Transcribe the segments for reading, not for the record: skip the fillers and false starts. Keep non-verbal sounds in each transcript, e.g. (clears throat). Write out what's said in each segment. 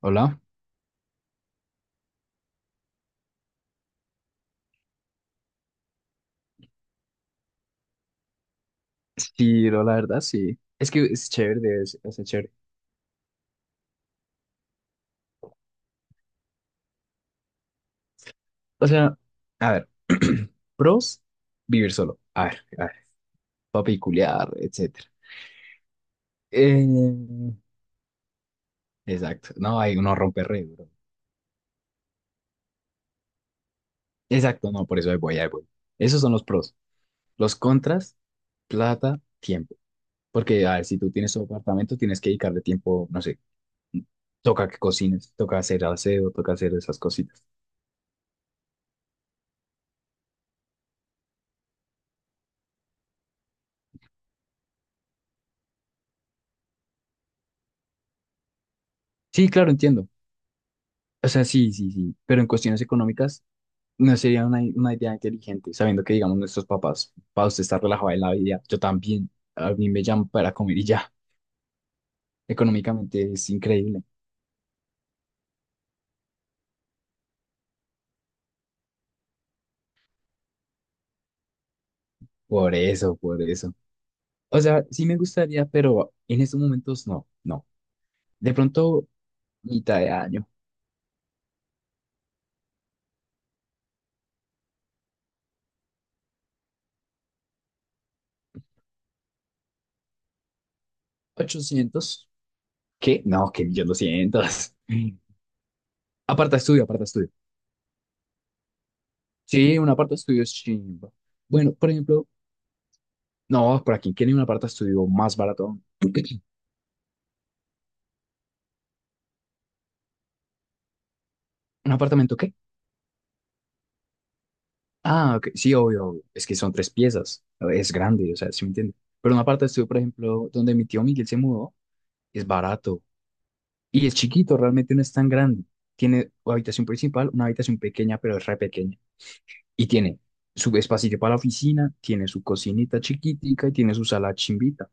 Hola. Sí, no, la verdad, sí. Es que es chévere, es chévere. O sea, a ver, (clears throat) pros, vivir solo. A ver, papi culiar, etcétera. Eh, exacto. No, hay uno rompe re, bro. Exacto, no, por eso ahí voy, ahí voy. Esos son los pros. Los contras, plata, tiempo. Porque, a ver, si tú tienes tu apartamento, tienes que dedicarle tiempo, no sé, toca que cocines, toca hacer aseo, toca hacer esas cositas. Sí, claro, entiendo. O sea, sí, sí, sí. Pero en cuestiones económicas, no sería una idea inteligente, sabiendo que, digamos, nuestros papás, para usted estar relajado en la vida, yo también, a mí me llaman para comer y ya. Económicamente es increíble. Por eso, por eso. O sea, sí me gustaría, pero en estos momentos no, no. De pronto, mitad de año, ochocientos. ¿Qué? No, que 1.200.000. (laughs) Aparta estudio, aparta estudio. Sí, un aparta estudio es chimba. Bueno, por ejemplo, no, ¿para quién quiere un aparta estudio más barato? (clears throat) ¿Un apartamento qué? Ah, ok, sí, obvio, obvio. Es que son tres piezas. Es grande, o sea, ¿sí me entiendes? Pero una parte estudio, por ejemplo, donde mi tío Miguel se mudó, es barato. Y es chiquito, realmente no es tan grande. Tiene una habitación principal, una habitación pequeña, pero es re pequeña. Y tiene su espacito para la oficina, tiene su cocinita chiquitica y tiene su sala chimbita.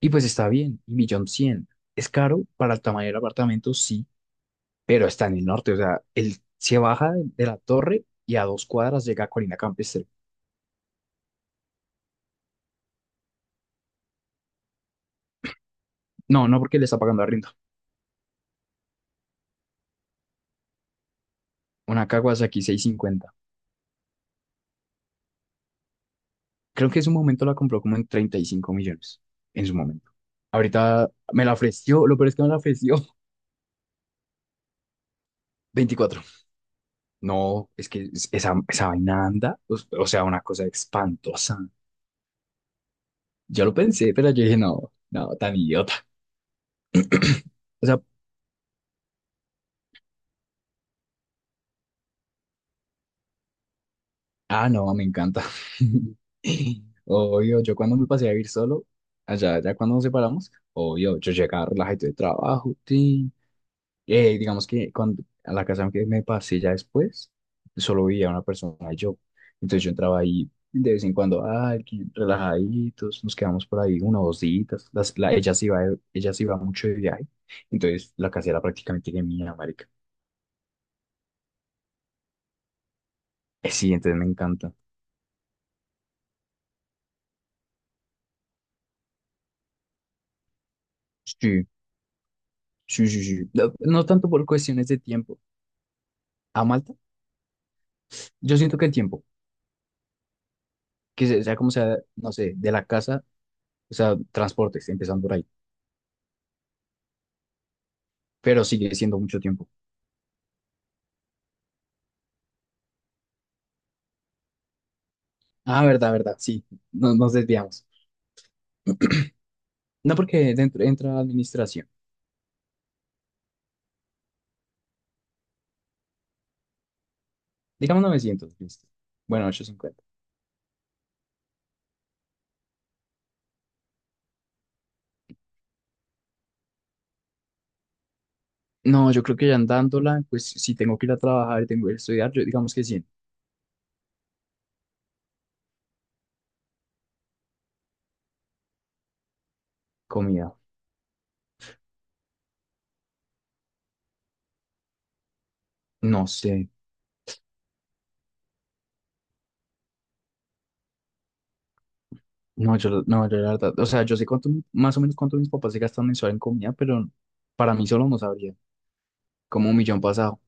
Y pues está bien, y millón cien. Es caro para el tamaño del apartamento, sí, pero está en el norte. O sea, él se baja de la torre y a dos cuadras llega a Colina Campestre. No, no porque le está pagando arriendo. Una Kawasaki seiscientos cincuenta. Creo que en su momento la compró como en 35 millones. En su momento. Ahorita me la ofreció, lo peor es que me la ofreció. (laughs) Veinticuatro. No, es que esa vaina anda, o sea, una cosa espantosa. Yo lo pensé, pero yo dije, no, no, tan idiota. O sea, ah, no, me encanta. (laughs) Obvio, yo cuando me pasé a vivir solo, allá, ya cuando nos separamos, obvio, yo llegaba relajado de trabajo. Digamos que cuando, a la casa que me pasé ya después, solo vivía una persona y yo. Entonces yo entraba ahí de vez en cuando, relajaditos, nos quedamos por ahí uno o dos días. Ella se iba, ella se iba mucho de viaje, entonces la casa era prácticamente que mía, marica. Sí, entonces me encanta. Sí, sí, sí, sí. No, no tanto por cuestiones de tiempo. A Malta, yo siento que el tiempo, que sea como sea, no sé, de la casa, o sea, transportes, empezando por ahí, pero sigue siendo mucho tiempo. Ah, verdad, verdad, sí, nos desviamos. No porque dentro, entra administración. Digamos, novecientos, listo. Bueno, 850. No, yo creo que ya andándola, pues si tengo que ir a trabajar, tengo que ir a estudiar, yo digamos que cien. Comida, no sé. No, yo, no, yo, la verdad, o sea, yo sé cuánto, más o menos cuánto mis papás se gastan mensual en comida, pero para mí solo no sabría. Como un millón pasado.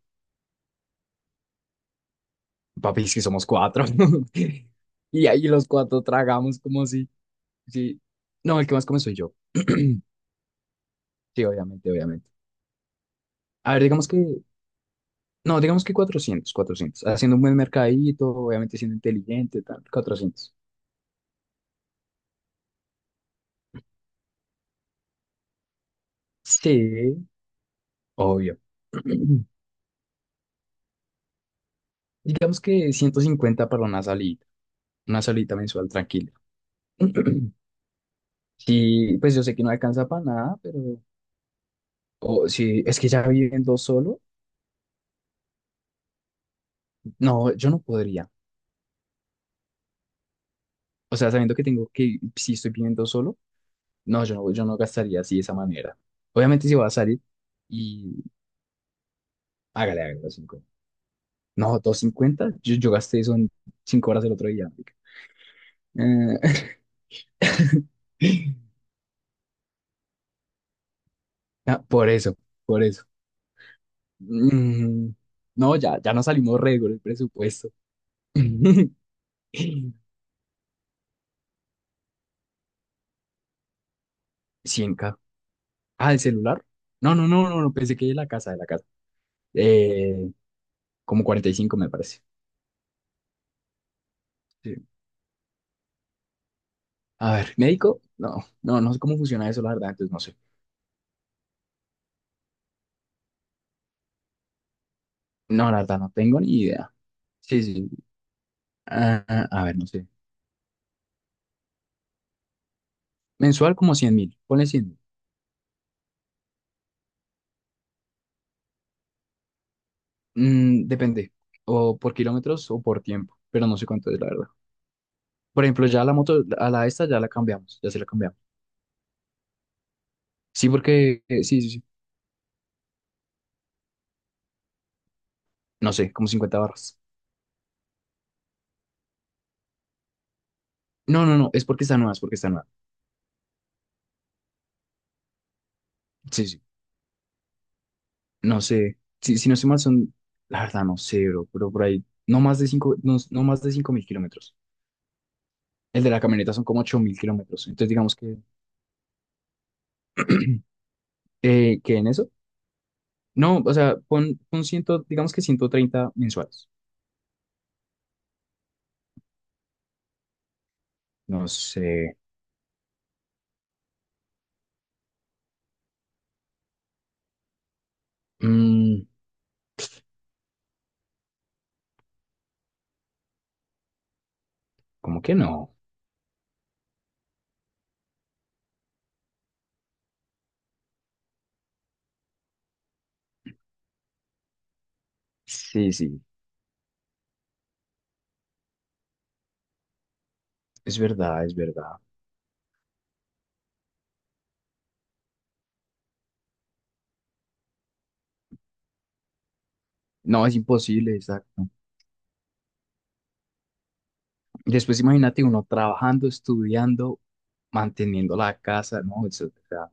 Papi, es que somos cuatro. (laughs) Y ahí los cuatro tragamos como si, sí. No, el que más come soy yo. Sí, obviamente, obviamente. A ver, digamos que, no, digamos que 400, 400. Haciendo un buen mercadito, obviamente siendo inteligente, tal, 400. Sí, obvio. (clears throat) Digamos que 150 para una salida, una salita mensual tranquila. (clears throat) Sí, pues yo sé que no alcanza para nada, pero o si es que ya viviendo solo, no, yo no podría. O sea, sabiendo que tengo que, si estoy viviendo solo, no, yo no gastaría así de esa manera. Obviamente si voy a salir y hágale, hágale, así. No, doscientos cincuenta. Yo gasté eso en 5 horas el otro día, marica. Eh, (laughs) por eso, por eso. Mm, no, ya, ya no salimos re con el presupuesto. (laughs) Cien k. Ah, ¿el celular? No, no, no, no, no, pensé que de la casa, de la casa. Eh, Como 45 me parece. Sí. A ver, ¿médico? No, no, no sé cómo funciona eso, la verdad, entonces no sé. No, la verdad, no tengo ni idea. Sí, sí. A ver, no sé. Mensual como 100 mil. Ponle cien. Mm, depende, o por kilómetros o por tiempo, pero no sé cuánto es la verdad. Por ejemplo, ya la moto, a la esta ya la cambiamos, ya se la cambiamos. Sí, porque, sí, sí, sí, no sé, como 50 barras. No, no, no, es porque está nueva, es porque está nueva. Sí, sí, no sé, sí, si no sé mal son, la verdad no sé, bro, pero por ahí, no más de 5 no, no más de cinco mil kilómetros. El de la camioneta son como ocho mil kilómetros, entonces digamos que en eso, no, o sea, pon ciento, digamos que 130 mensuales. No sé. mm, ¿Cómo que no? Sí, sí, es verdad, es verdad. No, es imposible, exacto. Después imagínate uno trabajando, estudiando, manteniendo la casa, ¿no? Eso, o sea,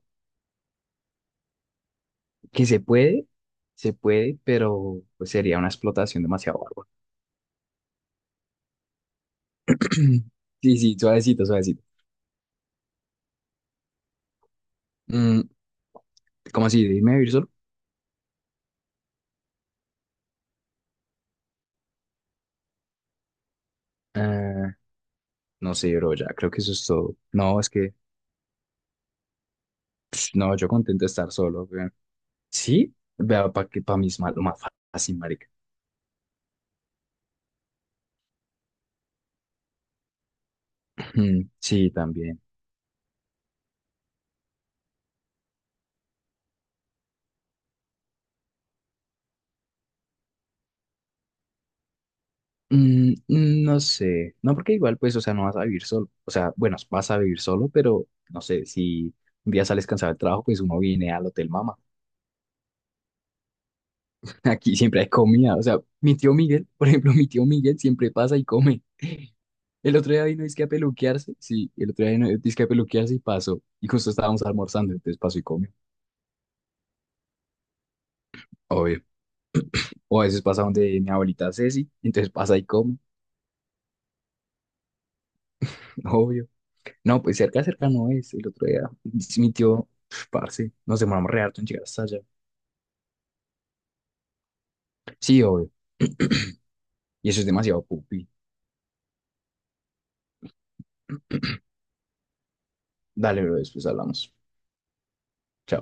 que se puede, pero pues sería una explotación demasiado bárbara. (clears throat) Sí, sí, suavecito, suavecito. Mm, ¿Cómo así? ¿Dime vivir solo? Eh, no sé, bro, ya creo que eso es todo. No, es que, no, yo contento de estar solo, güey. Sí, vea, para que para mí es lo más fácil, marica. (clears throat) Mm, sí, también. No sé, no porque igual pues, o sea, no vas a vivir solo, o sea, bueno, vas a vivir solo, pero no sé, si un día sales cansado del trabajo, pues uno viene al Hotel Mama. (laughs) Aquí siempre hay comida, o sea, mi tío Miguel, (laughs) por ejemplo, mi tío Miguel siempre pasa y come, el otro día vino dizque a peluquearse, sí, el otro día vino dizque a peluquearse y pasó, y justo estábamos almorzando, entonces pasó y come, obvio, o a veces pasa donde mi abuelita Ceci, entonces pasa y come, (laughs) obvio. No, pues cerca, cerca no es. El otro día, mi tío, "Uf, parce, nos demoramos re harto en llegar hasta allá". Sí, obvio. Y eso es demasiado pupi. Dale, bro, después hablamos. Chao.